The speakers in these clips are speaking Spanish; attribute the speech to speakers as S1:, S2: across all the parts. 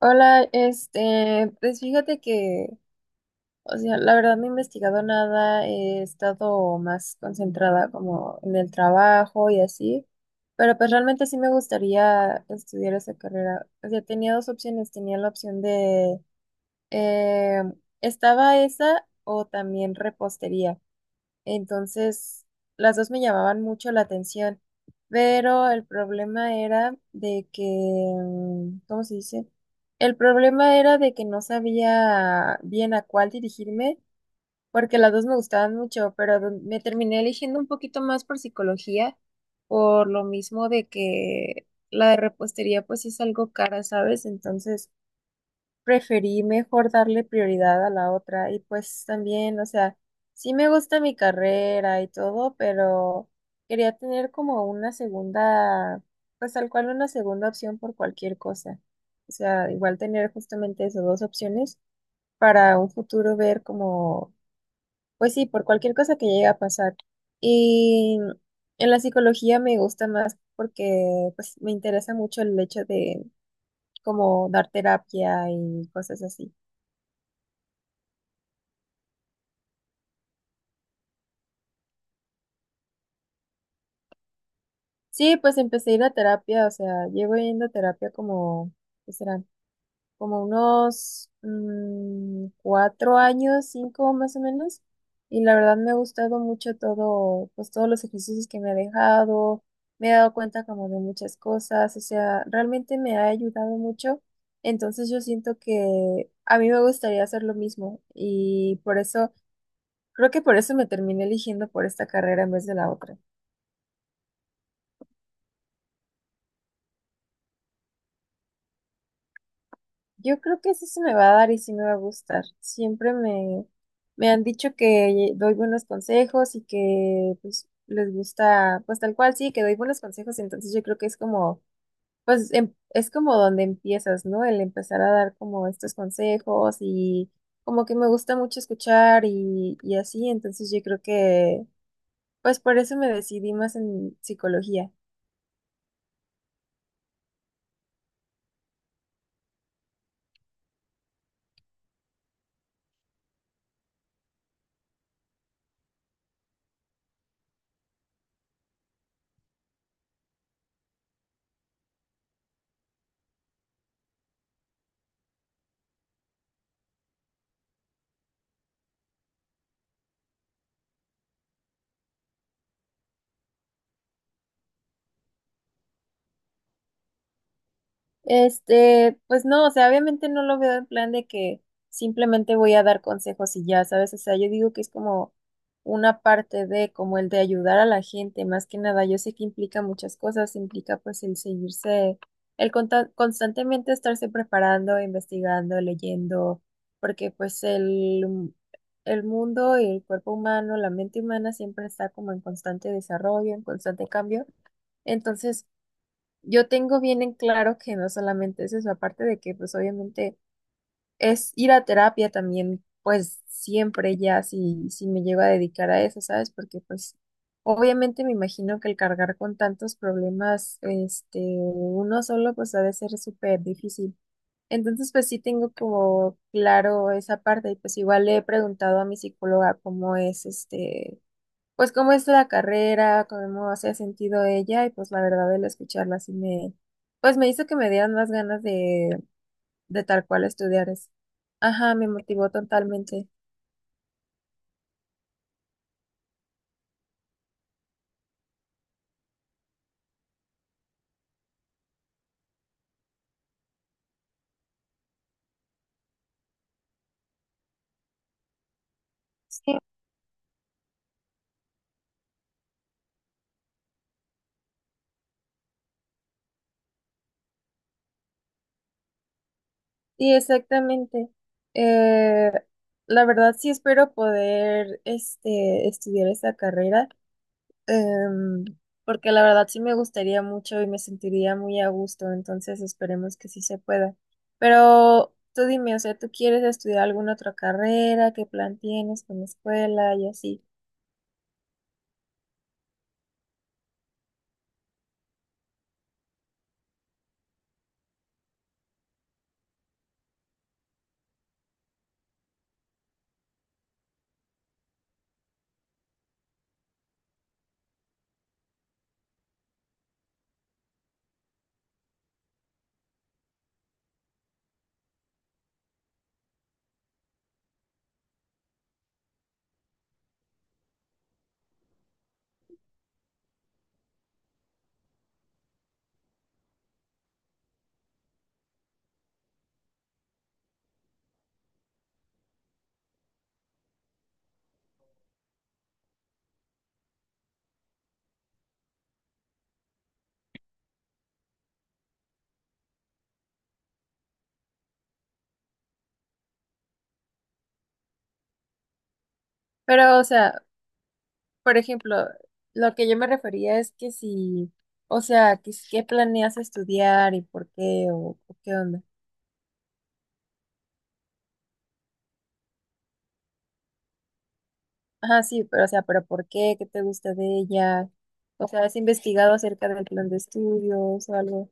S1: Hola, este, pues fíjate que, o sea, la verdad no he investigado nada, he estado más concentrada como en el trabajo y así, pero pues realmente sí me gustaría estudiar esa carrera. O sea, tenía dos opciones, tenía la opción de, eh, estaba esa o también repostería. Entonces, las dos me llamaban mucho la atención, pero el problema era de que, ¿cómo se dice? El problema era de que no sabía bien a cuál dirigirme, porque las dos me gustaban mucho, pero me terminé eligiendo un poquito más por psicología, por lo mismo de que la de repostería pues es algo cara, ¿sabes? Entonces preferí mejor darle prioridad a la otra y pues también, o sea, sí me gusta mi carrera y todo, pero quería tener como una segunda, pues tal cual una segunda opción por cualquier cosa. O sea, igual tener justamente esas dos opciones para un futuro ver como, pues sí, por cualquier cosa que llegue a pasar. Y en la psicología me gusta más porque pues me interesa mucho el hecho de como dar terapia y cosas así. Sí, pues empecé a ir a terapia, o sea, llevo yendo a terapia como, ¿qué serán? Como unos 4 años, 5 más o menos. Y la verdad me ha gustado mucho todo, pues todos los ejercicios que me ha dejado. Me he dado cuenta como de muchas cosas, o sea, realmente me ha ayudado mucho. Entonces yo siento que a mí me gustaría hacer lo mismo y por eso, creo que por eso me terminé eligiendo por esta carrera en vez de la otra. Yo creo que sí se me va a dar y sí me va a gustar. Siempre me, me han dicho que doy buenos consejos y que pues les gusta, pues tal cual sí, que doy buenos consejos, entonces yo creo que es como, pues es como donde empiezas, ¿no? El empezar a dar como estos consejos y como que me gusta mucho escuchar y así, entonces yo creo que, pues por eso me decidí más en psicología. Este, pues no, o sea, obviamente no lo veo en plan de que simplemente voy a dar consejos y ya, ¿sabes? O sea, yo digo que es como una parte de, como el de ayudar a la gente, más que nada, yo sé que implica muchas cosas, implica pues el seguirse, el constantemente estarse preparando, investigando, leyendo, porque pues el mundo y el cuerpo humano, la mente humana siempre está como en constante desarrollo, en constante cambio. Entonces, yo tengo bien en claro que no solamente es eso, aparte de que pues obviamente es ir a terapia también, pues siempre ya si, si me llego a dedicar a eso, ¿sabes? Porque pues obviamente me imagino que el cargar con tantos problemas, este, uno solo pues ha de ser súper difícil. Entonces pues sí tengo como claro esa parte y pues igual le he preguntado a mi psicóloga cómo es este pues cómo es la carrera, cómo se ha sentido ella y pues la verdad el escucharla sí me, pues me hizo que me dieran más ganas de tal cual estudiar eso. Ajá, me motivó totalmente. Sí, sí, exactamente. Eh, la verdad sí espero poder este, estudiar esa carrera. Em, porque la verdad sí me gustaría mucho y me sentiría muy a gusto, entonces esperemos que sí se pueda. Pero tú dime, o sea, ¿tú quieres estudiar alguna otra carrera? ¿Qué plan tienes con la escuela y así? Pero, o sea, por ejemplo, lo que yo me refería es que si, o sea, que si- ¿qué planeas estudiar y por qué o qué onda? Ajá, sí, pero, o sea, ¿pero por qué? ¿Qué te gusta de ella? O sea, ¿has investigado acerca del plan de estudios o algo?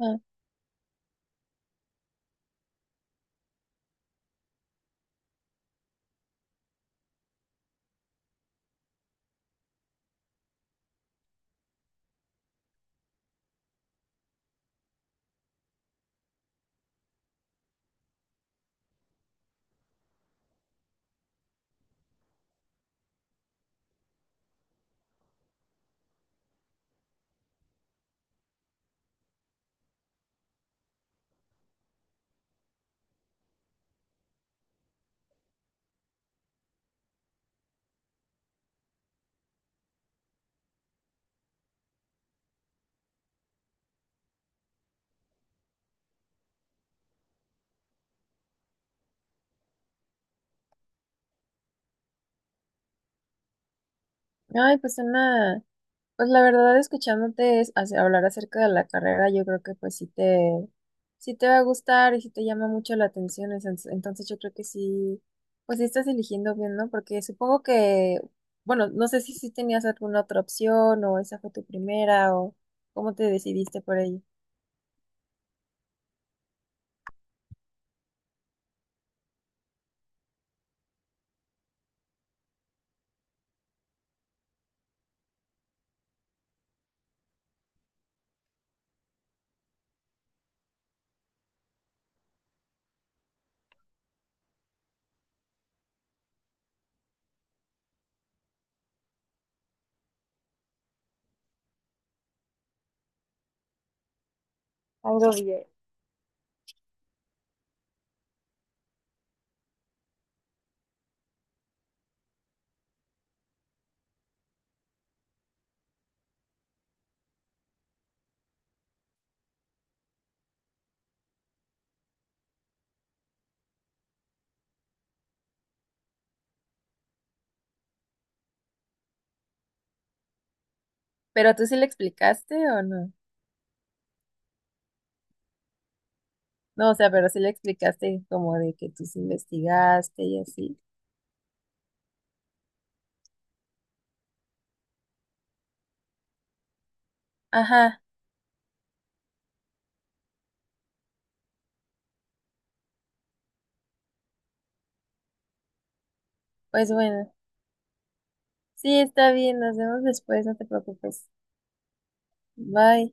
S1: Ah. Ay, pues una, pues la verdad escuchándote hablar acerca de la carrera, yo creo que pues sí te va a gustar y sí te llama mucho la atención, entonces yo creo que sí, pues sí estás eligiendo bien, ¿no? Porque supongo que, bueno, no sé si sí tenías alguna otra opción o esa fue tu primera o cómo te decidiste por ello. Algo bien. ¿Pero tú sí le explicaste o no? No, o sea, pero sí le explicaste como de que tú sí investigaste y así. Ajá, pues bueno. Sí, está bien, nos vemos después, no te preocupes. Bye.